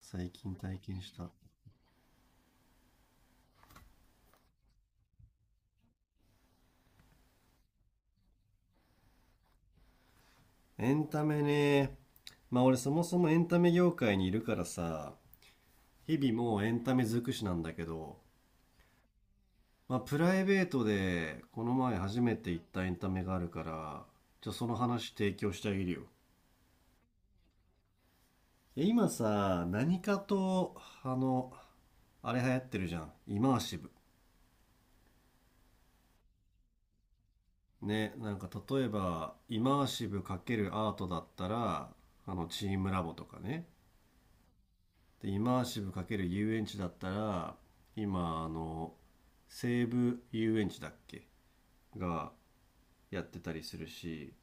最近体験したエンタメね。まあ俺そもそもエンタメ業界にいるからさ、日々もうエンタメ尽くしなんだけど、まあプライベートでこの前初めて行ったエンタメがあるから、じゃあその話提供してあげるよ。え今さ何かと、あの、あれ流行ってるじゃん、イマーシブ。ね、なんか例えばイマーシブ×アートだったら、あのチームラボとかね。でイマーシブ×遊園地だったら今あの西武遊園地だっけがやってたりするし、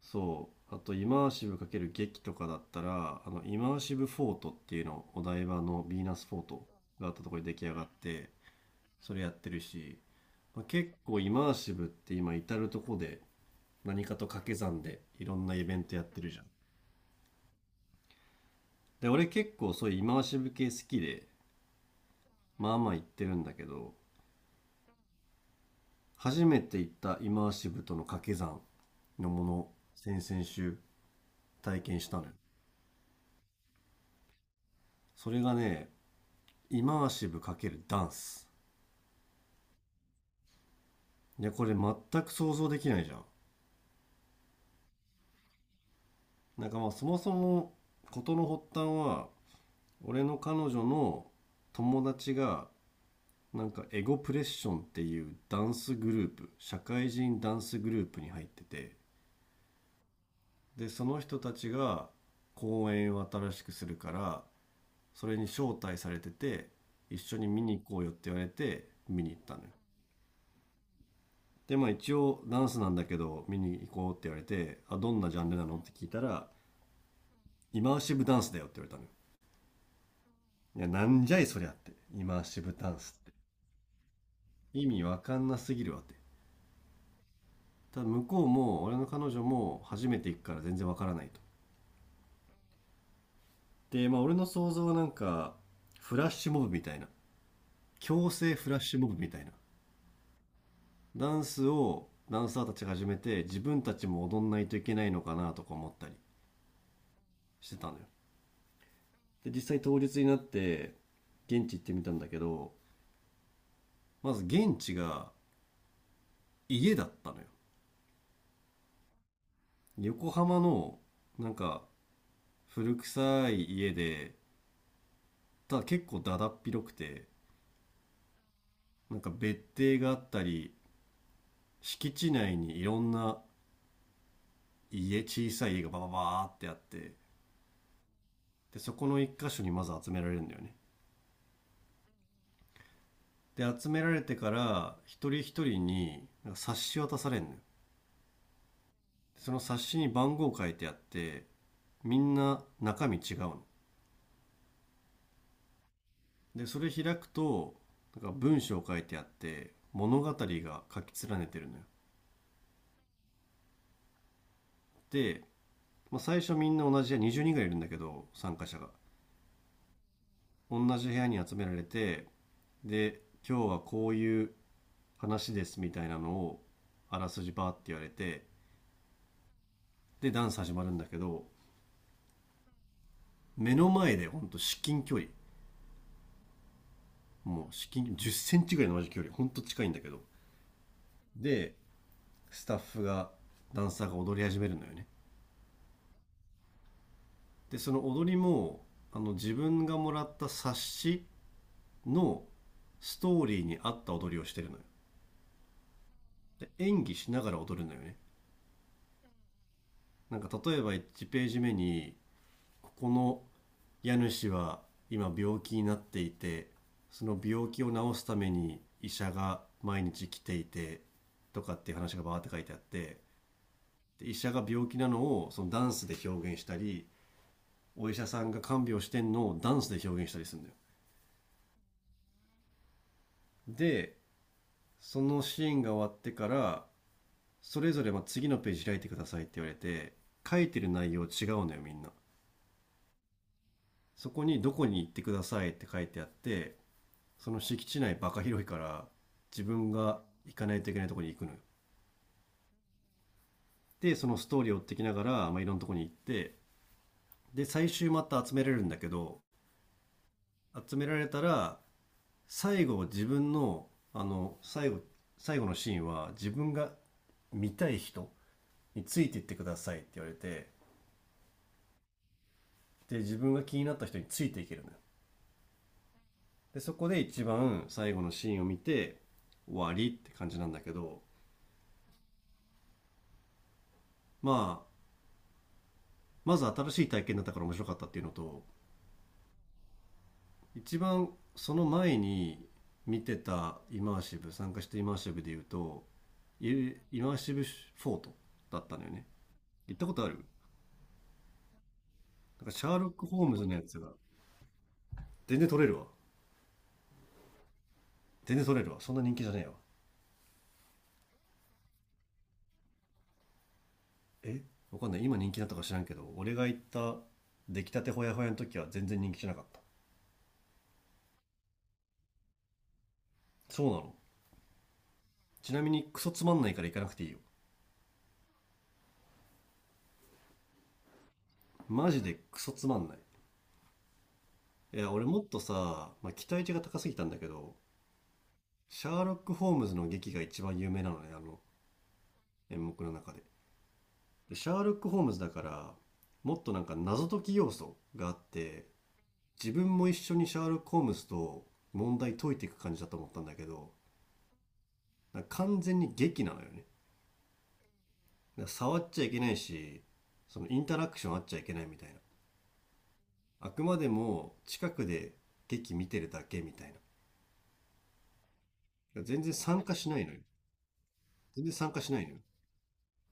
そうあとイマーシブ×劇とかだったらあのイマーシブフォートっていうのお台場のヴィーナスフォートがあったところで出来上がってそれやってるし、まあ、結構イマーシブって今至るとこで何かと掛け算でいろんなイベントやってるじゃん。で俺結構そういうイマーシブ系好きで、まあまあ行ってるんだけど、初めて行ったイマーシブとの掛け算のもの先々週体験したのよ。それがね、イマーシブ×ダンス。いやこれ全く想像できないじゃん。なんかまあそもそも事の発端は、俺の彼女の友達が、なんかエゴプレッションっていうダンスグループ、社会人ダンスグループに入ってて、でその人たちが公演を新しくするから、それに招待されてて、一緒に見に行こうよって言われて見に行ったのよ。でまあ一応ダンスなんだけど見に行こうって言われて、あどんなジャンルなのって聞いたら、イマーシブダンスだよって言われたのよ。いやなんじゃいそりゃって、イマーシブダンスって意味わかんなすぎるわって。ただ向こうも俺の彼女も初めて行くから全然わからないと。でまあ俺の想像はなんかフラッシュモブみたいな、強制フラッシュモブみたいなダンスをダンサーたちが始めて自分たちも踊んないといけないのかなとか思ったりしてたのよ。で実際当日になって現地行ってみたんだけど、まず現地が家だったのよ。横浜のなんか古臭い家で、ただ結構だだっ広くて、なんか別邸があったり、敷地内にいろんな家、小さい家がバババーってあって、でそこの一箇所にまず集められるんだよね。で集められてから一人一人になんか冊子渡されんのよ。その冊子に番号書いてあって、みんな中身違うの。でそれ開くと、なんか文章書いてあって、物語が書き連ねてるのよ。で、まあ、最初みんな同じ部屋20人ぐらいいるんだけど参加者が、同じ部屋に集められて、で今日はこういう話ですみたいなのを、あらすじバーって言われて、でダンス始まるんだけど、目の前でほんと至近距離、もう至近10ンチぐらいの同じ距離ほんと近いんだけど、でスタッフが、ダンサーが踊り始めるのよね。でその踊りも、あの自分がもらった冊子のストーリーに合った踊りをしてるのよ。で演技しながら踊るのよね。なんか例えば1ページ目に、ここの家主は今病気になっていて、その病気を治すために医者が毎日来ていて、とかっていう話がバーって書いてあって、で医者が病気なのをそのダンスで表現したり、お医者さんが看病してんのをダンスで表現したりするんだよ。でそのシーンが終わってから、それぞれまあ次のページ開いてくださいって言われて、書いてる内容違うのよみんな。そこに「どこに行ってください」って書いてあって、その敷地内バカ広いから自分が行かないといけないとこに行くのよ。でそのストーリーを追ってきながら、まあ、いろんなとこに行って、で最終また集められるんだけど、集められたら最後自分の、あの最後最後のシーンは自分が見たい人についていってくださいって言われて、で自分が気になった人についていけるのよ。でそこで一番最後のシーンを見て終わりって感じなんだけど、まあまず新しい体験だったから面白かったっていうのと、一番その前に見てたイマーシブ、参加してイマーシブで言うとイマーシブフォートだったのよね。行ったことある？なんかシャーロック・ホームズのやつが。全然取れるわ。全然取れるわ、そんな人気じゃねえわ。え、わかんない今人気だったか知らんけど、俺が行った出来たてほやほやの時は全然人気じゃなかった。そうなの。ちなみにクソつまんないから行かなくていいよ、マジでクソつまんない。いや俺もっとさ、まあ、期待値が高すぎたんだけど、シャーロック・ホームズの劇が一番有名なのね、あの演目の中で、でシャーロック・ホームズだからもっとなんか謎解き要素があって自分も一緒にシャーロック・ホームズと問題解いていく感じだと思ったんだけど、だから完全に劇なのよね。だから触っちゃいけないし、そのインタラクションあっちゃいけないみたいな。あくまでも近くで劇見てるだけみたいな。全然参加しないのよ。全然参加しないのよ。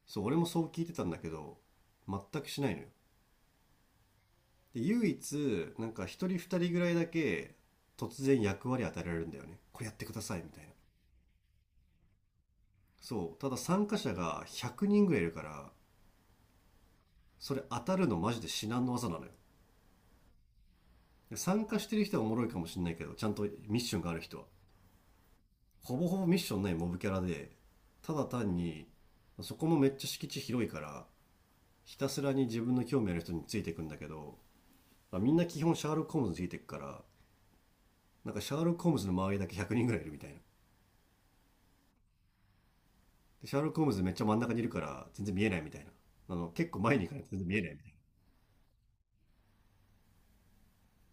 そう、俺もそう聞いてたんだけど、全くしないのよ。で、唯一、なんか一人二人ぐらいだけ突然役割与えられるんだよね。これやってくださいみたいな。そう、ただ参加者が100人ぐらいいるから、それ当たるのマジで至難の技なのよ。参加してる人はおもろいかもしれないけど、ちゃんとミッションがある人はほぼほぼミッションないモブキャラで、ただ単に、そこもめっちゃ敷地広いから、ひたすらに自分の興味ある人についていくんだけど、みんな基本シャーロック・ホームズについていくから、なんかシャーロック・ホームズの周りだけ100人ぐらいいるみたいな。でシャーロック・ホームズめっちゃ真ん中にいるから全然見えないみたいな、あの結構前に行かないと全然見えないみたい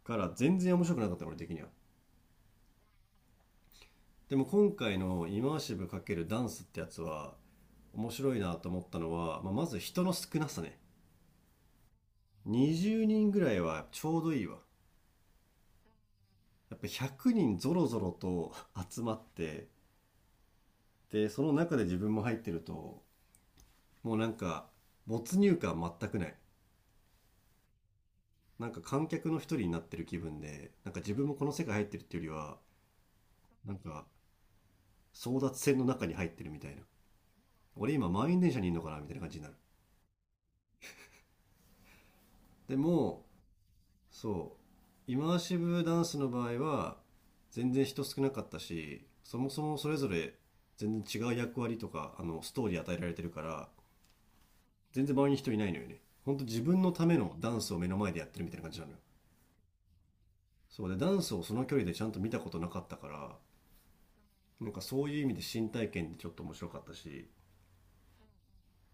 なから全然面白くなかったの俺的には。でも今回のイマーシブ×ダンスってやつは面白いなと思ったのは、まあ、まず人の少なさね。20人ぐらいはちょうどいいわ。やっぱ100人ぞろぞろと集まって、で、その中で自分も入ってると、もうなんか、没入感全くない。なんか観客の一人になってる気分で、なんか自分もこの世界入ってるっていうよりは、なんか争奪戦の中に入ってるみたいな。俺今満員電車にいるのかなみたいな感じになる。でも、そうイマーシブダンスの場合は全然人少なかったし、そもそもそれぞれ全然違う役割とかあのストーリー与えられてるから、全然周りに人いないのよね。ほんと自分のためのダンスを目の前でやってるみたいな感じなのよ。そうで、ダンスをその距離でちゃんと見たことなかったから、なんかそういう意味で新体験でちょっと面白かったし、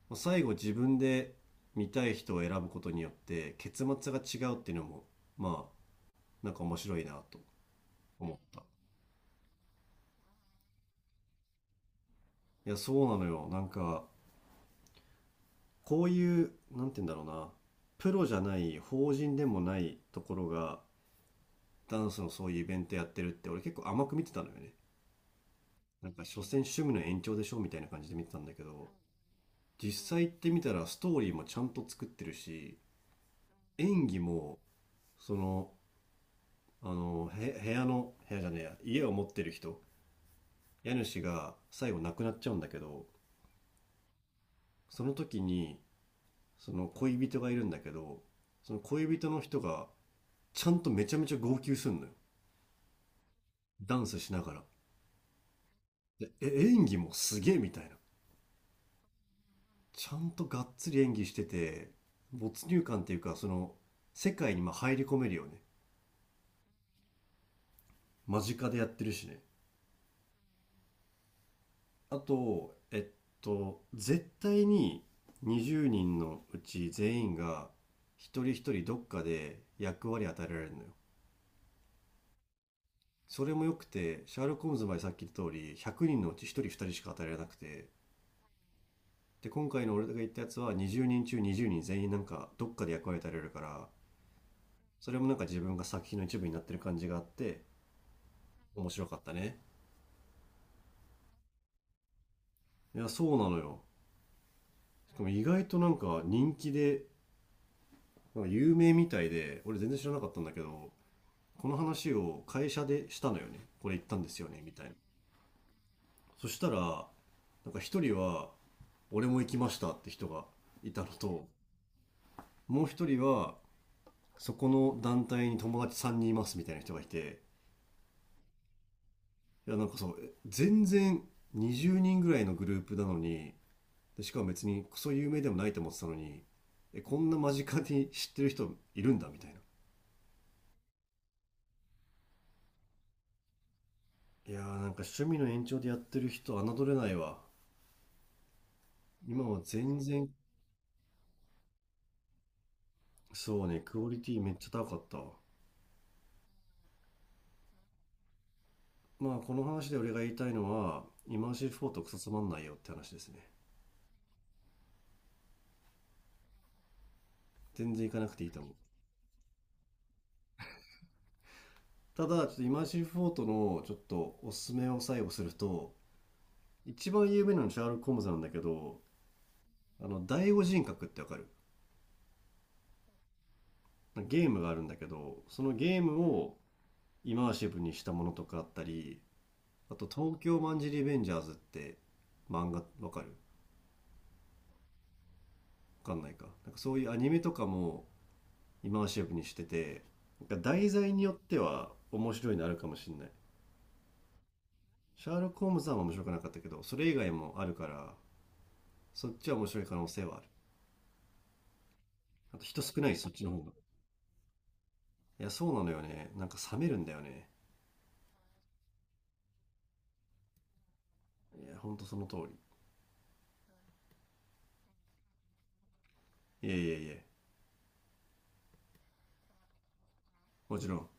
まあ最後自分で見たい人を選ぶことによって結末が違うっていうのも、まあなんか面白いなと思った。いやそうなのよ、なんかこういうなんて言うんだろうな、プロじゃない法人でもないところがダンスのそういうイベントやってるって、俺結構甘く見てたのよね。なんか所詮趣味の延長でしょみたいな感じで見てたんだけど、実際行ってみたらストーリーもちゃんと作ってるし、演技も、その、あのへ部屋の部屋じゃねえや、家を持ってる人、家主が最後亡くなっちゃうんだけど、その時にその恋人がいるんだけど、その恋人の人がちゃんとめちゃめちゃ号泣すんのよ、ダンスしながら。でえ、演技もすげえみたいな。ちゃんとがっつり演技してて、没入感っていうか、その、世界にまあ入り込めるよね。間近でやってるしね。あと、絶対に20人のうち全員が一人一人どっかで役割与えられるのよ。それも良くて、シャーロック・ホームズまでさっき言った通り、100人のうち1人2人しか与えられなくて、で、今回の俺が言ったやつは20人中20人全員なんかどっかで役割与えられるから、それもなんか自分が作品の一部になってる感じがあって、面白かったね。いや、そうなのよ。しかも意外となんか人気で、なんか有名みたいで、俺全然知らなかったんだけど、この話を会社でしたのよね。これ行ったんですよね、みたいな。そしたら、なんか一人は、俺も行きましたって人がいたのと、もう一人は、そこの団体に友達3人いますみたいな人がいて、いや、なんかそう、全然20人ぐらいのグループなのに、でしかも別にクソ有名でもないと思ってたのに、こんな間近に知ってる人いるんだみたいな。いやーなんか趣味の延長でやってる人侮れないわ。今は全然。そうね、クオリティめっちゃ高かったわ。まあこの話で俺が言いたいのはイマーシブフォートクソつまんないよって話ですね。全然行かなくていいと思う。ただちょっとイマーシブフォートのちょっとおすすめを最後すると、一番有名なのはシャーロック・ホームズなんだけど、あの第五人格ってわかる？ゲームがあるんだけど、そのゲームをイマーシブにしたものとかあったり、あと「東京マンジリベンジャーズ」って漫画わかる？わかんないか、なんかそういうアニメとかもイマーシブにしてて、なんか題材によっては面白いのあるかもしんない。シャーロック・ホームズは面白くなかったけど、それ以外もあるから、そっちは面白い可能性はある。あと人少ないしそっちの方が。いやそうなのよね、なんか冷めるんだよね。いやほんとその通り、いやいやいや、もちろん。